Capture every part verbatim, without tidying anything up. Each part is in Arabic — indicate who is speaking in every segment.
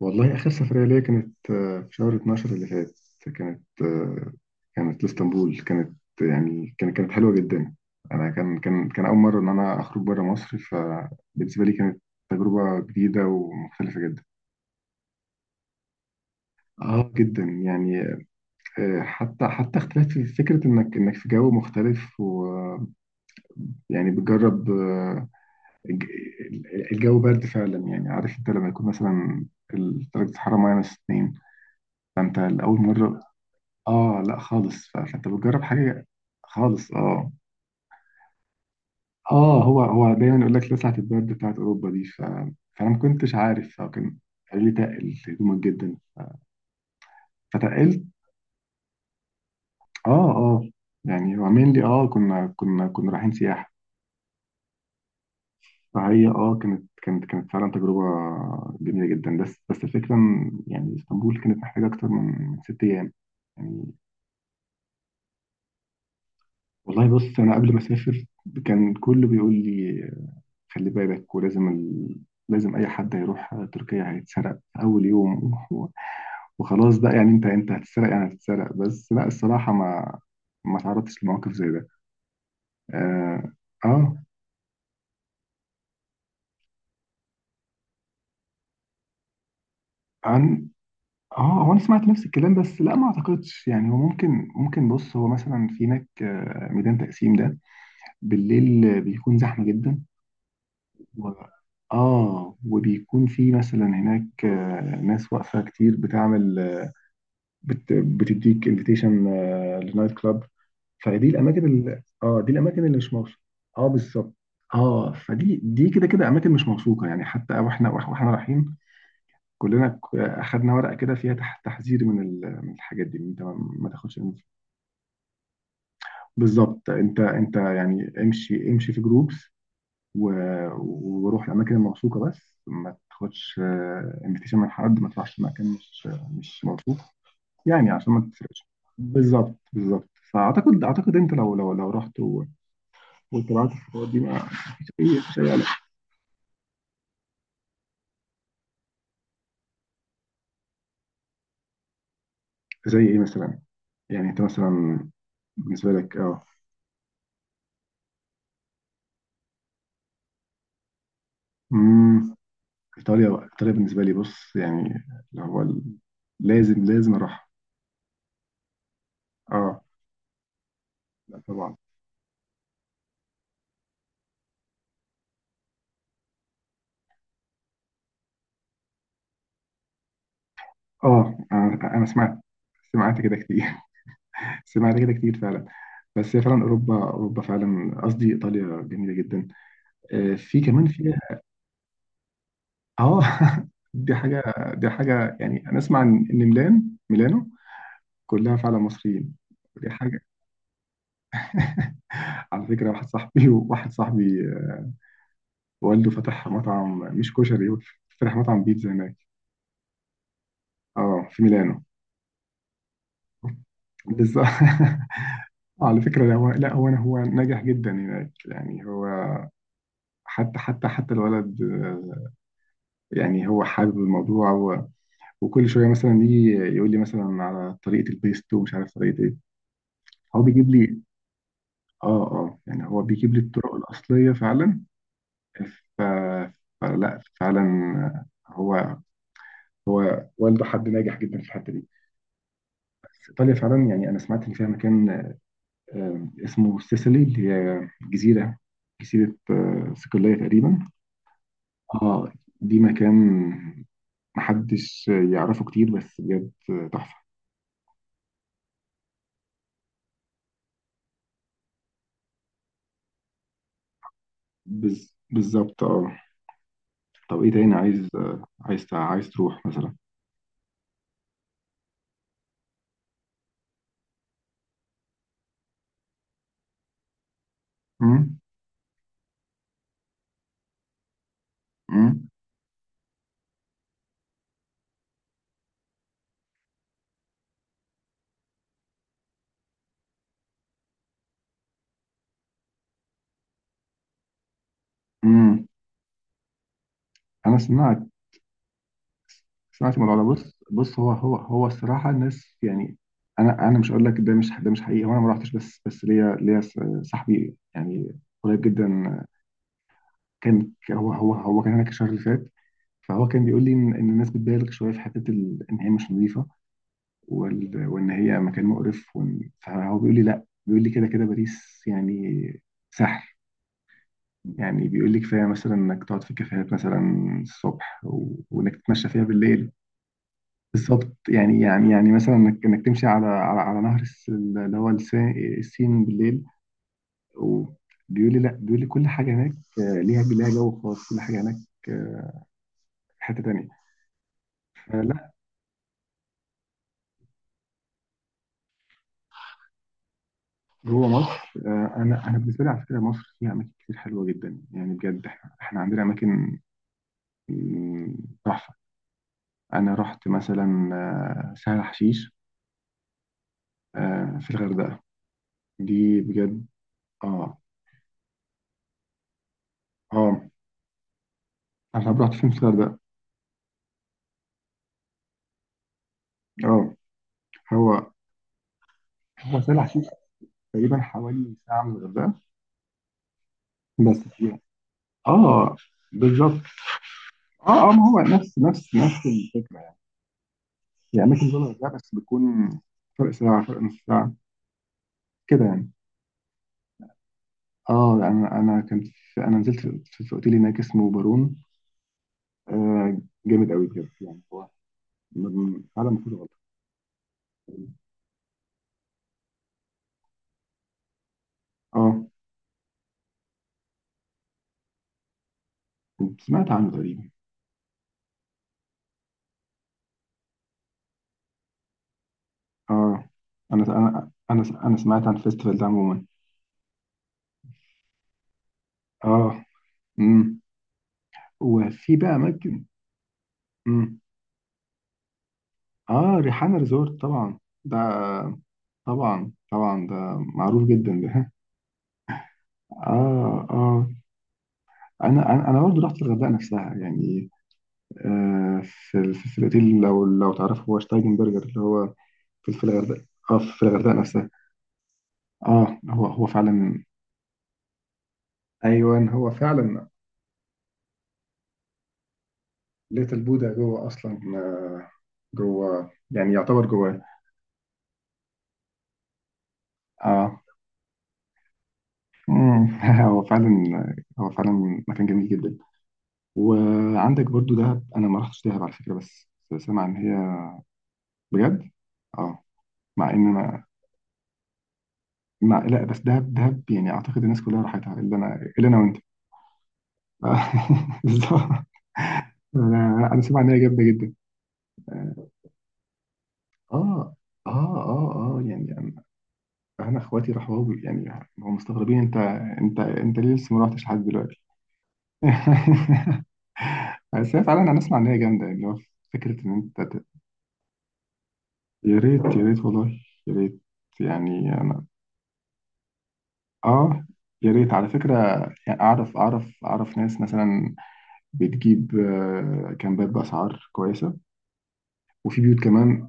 Speaker 1: والله آخر سفرية ليا كانت آه، في شهر اتناشر اللي فات. كانت آه، كانت لإسطنبول. كانت يعني كانت كانت حلوة جدا. أنا كان كان كان أول مرة إن أنا أخرج بره مصر، فبالنسبة لي كانت تجربة جديدة ومختلفة جدا. آه جدا يعني. آه، حتى حتى اختلاف في فكرة إنك إنك في جو مختلف، ويعني بتجرب آه، الج- الجو برد فعلا. يعني عارف أنت لما يكون مثلا درجة الحرارة ماينس اتنين، فأنت لأول مرة. اه، لا خالص. ف- فانت بتجرب حاجه. خالص، اه. اه هو هو دايما يقول لك لسعة البرد بتاعت اوروبا دي، ف... فانا ما كنتش عارف. فكان قالوا لي تقل هدومك جدا، فتقلت. اه اه. يعني هو mainly اه كنا كنا كنا رايحين سياحه. فهي اه كانت كانت كانت فعلا تجربه جميله جدا. بس بس الفكره إن يعني اسطنبول كانت محتاجه اكتر من من ست ايام يعني. والله بص، انا قبل ما اسافر كان كله بيقول لي خلي بالك. ولازم ال... لازم اي حد هيروح تركيا هيتسرق في اول يوم. وخلاص بقى، يعني انت انت هتتسرق يعني هتتسرق. بس لا، الصراحه ما ما تعرضتش لمواقف زي ده. اه اه. عن، اه هو انا سمعت نفس الكلام، بس لا ما اعتقدش. يعني هو ممكن ممكن بص، هو مثلا في هناك آه، ميدان تقسيم ده بالليل بيكون زحمه جدا. و... اه، وبيكون في مثلا هناك آه، ناس واقفه كتير بتعمل، بت بتديك انفيتيشن لنايت كلاب. فدي الاماكن اللي اه، دي الاماكن اللي مش موثوقه. اه بالظبط. اه، فدي، دي كده كده اماكن مش موثوقه. يعني حتى واحنا واحنا رايحين كلنا، ك- اخدنا ورقه كده فيها تح- تحذير من ال- من الحاجات دي إن انت ما ما تاخدش إنف- بالظبط. انت انت يعني امشي امشي في جروبس. و... وروح الاماكن الموثوقه. بس ما تاخدش انفيتيشن من حد، ما تروحش مكان مش مش موثوق، يعني عشان ما تسرقش. بالظبط بالظبط. فاعتقد، اعتقد انت لو لو لو رحت و- واتبعت الخطوات دي، ما، مفيش اي مفيش اي قلق. زي ايه مثلا؟ يعني انت مثلا بالنسبه لك، اه. امم. ايطاليا ايطاليا بالنسبه لي، بص، يعني اللي هو ال- لازم لازم اروح. اه، لا طبعا. اه انا، أنا سمعت. سمعت كده كتير. سمعت كده كتير فعلا. بس هي فعلا اوروبا، اوروبا فعلا قصدي ايطاليا جميله جدا. آه، في كمان في. اه. دي حاجة. دي حاجة، يعني أنا أسمع إن إن ميلان ميلانو كلها فعلا مصريين. دي حاجة. على فكرة، واحد صاحبي واحد صاحبي، والده فتح مطعم، مش كشري، فتح مطعم بيتزا هناك. اه، في ميلانو. بالظبط. على فكرة، لا هو لا هو أنا- هو ناجح جدا هناك، يعني هو حتى حتى حتى الولد آه، يعني هو حابب الموضوع. و- وكل شوية مثلا يجي يقول لي مثلا على طريقة البيستو، ومش عارف طريقة ايه. هو بيجيب لي، اه اه، يعني هو بيجيب لي الطرق الأصلية فعلا. ف... فلا فعلا، هو هو والده حد ناجح جدا في الحتة دي. بس إيطاليا فعلا، يعني أنا سمعت إن فيها مكان آه، اسمه سيسيلي، اللي هي جزيرة جزيرة آه، صقلية تقريبا. اه. دي مكان محدش يعرفه كتير، بس بجد تحفة. بز... بالظبط، اه. طب ايه تاني عايز آه، عايز عايز تروح مثلا؟ امم. امم. امم. انا سمعت، مش معاك في الموضوع ده. بص بص، هو هو هو الصراحه، الناس يعني، انا انا مش هقول لك ده مش، ده مش حقيقي. هو انا ما رحتش، بس بس ليا، ليا س- صاحبي يعني قريب جدا. كان هو هو هو كان هناك الشهر اللي فات. فهو كان بيقول لي ان، إن الناس بتبالغ شويه في حته ال- ان هي مش نظيفه. وال- وان هي مكان مقرف. وإن- فهو بيقول لي لا، بيقول لي كده كده باريس يعني سحر. يعني بيقول لي كفايه مثلا انك تقعد في كافيهات مثلا الصبح، و- وانك تتمشى فيها بالليل. بالظبط، يعني يعني يعني مثلا انك انك تمشي على على على نهر الس- اللي هو الس- السين بالليل. وبيقول لي لا، بيقول لي كل حاجه هناك آه، ليها ليها جو خاص. كل حاجه هناك آه، في حته تانيه. فلا. جوه مصر آه، انا انا بالنسبه لي على فكره، مصر فيها اماكن كتير حلوه جدا، يعني بجد احنا احنا عندنا اماكن مم، تحفه. انا رحت مثلا آه، سهل حشيش آه، في الغردقه. دي بجد، اه اه. انا رحت فين في الغردقه؟ اه. هو هو سهل حشيش تقريبا حوالي ساعة من الغردقة، بس فيها. اه بالظبط. اه اه، ما هو نفس نفس نفس الفكرة. يعني هي أماكن زي الغردقة، بس بتكون فرق ساعة، فرق نص ساعة كده يعني. اه، أنا أنا كنت في، أنا نزلت في، في أوتيل هناك اسمه بارون. آه، جامد قوي بجد. يعني هو، م- فعلا ما فيهوش غلط. اه، كنت سمعت عنه تقريبا. اه، أنا أنا أنا أنا سمعت عن الفيستيفال ده عموما. اه. امم. وفي بقى أماكن. امم. اه، ريحانة ريزورت طبعا ده. طبعا طبعا ده معروف جدا ده. اه اه. انا انا، أنا برضه رحت الغردقه نفسها يعني آه في ال- في الاوتيل، لو لو تعرفه، هو شتايجن برجر، اللي هو في، في الغردقه. اه، في الغردقه نفسها. اه، هو هو فعلا. ايوه هو فعلا. ليتل بودا جوه اصلا، جوه، يعني يعتبر جواه. اه. مم. هو فعلا، هو فعلا مكان جميل جدا. وعندك برضو دهب، انا ما رحتش دهب على فكره. بس سامع ان هي، بجد. اه. مع ان انا، مع، لا بس دهب، دهب يعني اعتقد الناس كلها راحتها الا انا، الا انا وانت بالظبط. انا انا سامع ان هي جامده جدا. اه اه اه اه. يعني انا، أنا اخواتي راحوا، بي- يعني هم مستغربين، انت انت انت ليه لسه ما رحتش لحد دلوقتي. بس هي فعلا، انا اسمع ان هي جامده. اللي هو فكره ان انت ت- يا ريت. يا ريت والله يا ريت يعني انا، اه. يا ريت على فكره. يعني اعرف اعرف اعرف ناس مثلا بتجيب آه، كامبات بأسعار كويسة، وفي بيوت كمان.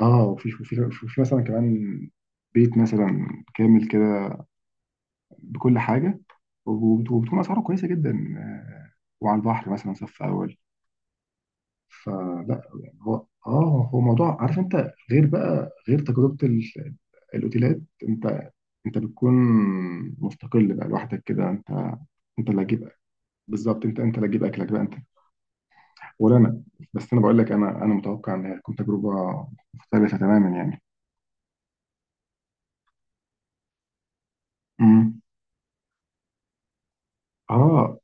Speaker 1: اه، وفي وفي وفي مثلا كمان بيت مثلا كامل كده، بكل حاجة. وب- وبتكون أسعاره كويسة جدا آه، وعلى البحر مثلا صف أول. فلا يعني، هو اه، هو موضوع، عارف انت، غير بقى غير تجربة ال- الأوتيلات. انت، انت بتكون مستقل بقى لوحدك كده. انت، انت اللي هتجيب. بالظبط. انت انت اللي هتجيب اكلك بقى انت. ولا انا. بس انا بقول لك، انا انا متوقع ان هي تكون تجربه مختلفه تماما يعني. امم. اه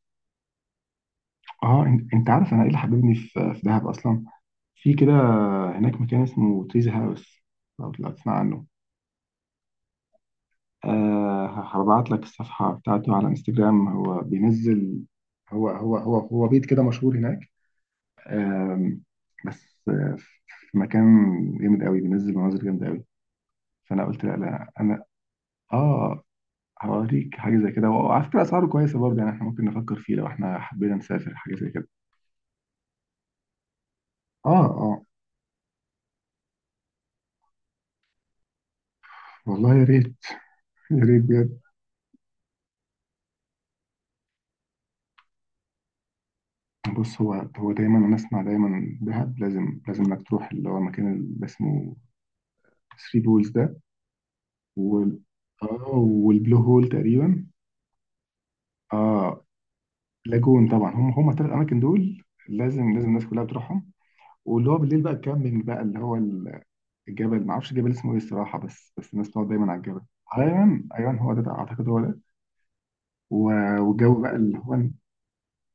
Speaker 1: اه، إن- انت عارف انا ايه اللي حببني في، في دهب اصلا؟ في كده هناك مكان اسمه تريز هاوس، لو لو تسمع عنه. آه، هبعت لك الصفحه بتاعته على انستجرام. هو بينزل، هو هو هو هو بيت كده مشهور هناك. آم، بس آه، في مكان جامد قوي، بينزل مناظر جامده قوي. فانا قلت لا، لا انا، اه، هوريك حاجة زي كده. وعلى فكرة أسعاره كويسة برضه يعني، إحنا ممكن نفكر فيه لو إحنا حبينا نسافر حاجة زي كده. آه آه، والله يا ريت. يا ريت بجد. بص هو، هو دايما أنا أسمع دايما، دهب لازم لازم إنك تروح اللي هو المكان اللي اسمه ثري بولز ده. وال آه والبلو هول تقريبا. آه. لاجون طبعا، هم هم الثلاث أماكن دول لازم، لازم الناس كلها بتروحهم. واللي هو بالليل بقى تكمل بقى اللي هو الجبل. معرفش الجبل اسمه ايه الصراحة، بس بس الناس بتقعد دايما على الجبل. ايوه ايوه، هو ده اعتقد هو. و- والجو بقى اللي هو،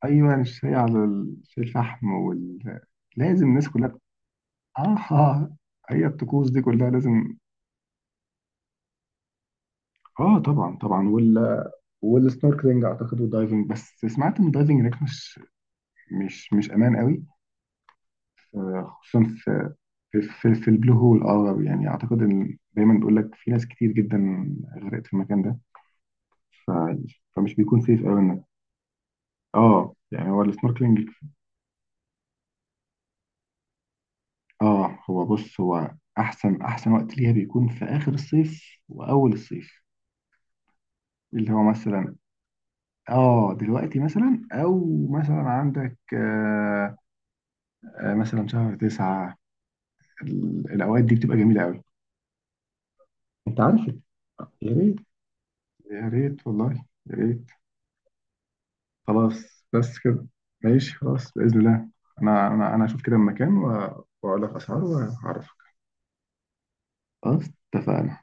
Speaker 1: ايوه الشاي على ال- شاي الفحم وال... لازم الناس كلها. اه آه، هي الطقوس دي كلها لازم. اه طبعا طبعا. وال... والسنوركلينج اعتقد والدايفنج. بس سمعت ان الدايفنج هناك مش مش مش امان قوي، خصوصا في، في في, في البلو هول. اه، يعني اعتقد ان دايما بيقول لك في ناس كتير جدا غرقت في المكان ده. ف... فمش بيكون سيف قوي انك. اه، يعني هو السنوركلينج. اه هو بص، هو احسن احسن وقت ليها بيكون في اخر الصيف واول الصيف، اللي هو مثلا اه دلوقتي. مثلا او مثلا عندك، آه آه، مثلا شهر تسعة. ال- الاوقات دي بتبقى جميلة قوي. انت عارف، يا ريت. يا ريت والله يا ريت خلاص، بس كده. ماشي، خلاص بإذن الله. انا انا انا اشوف كده المكان و- واقول لك اسعاره وهعرفك. خلاص، اتفقنا.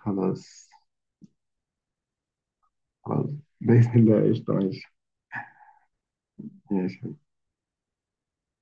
Speaker 1: خلاص. خلاص بإذن الله، قشطة. ماشي. ماشي.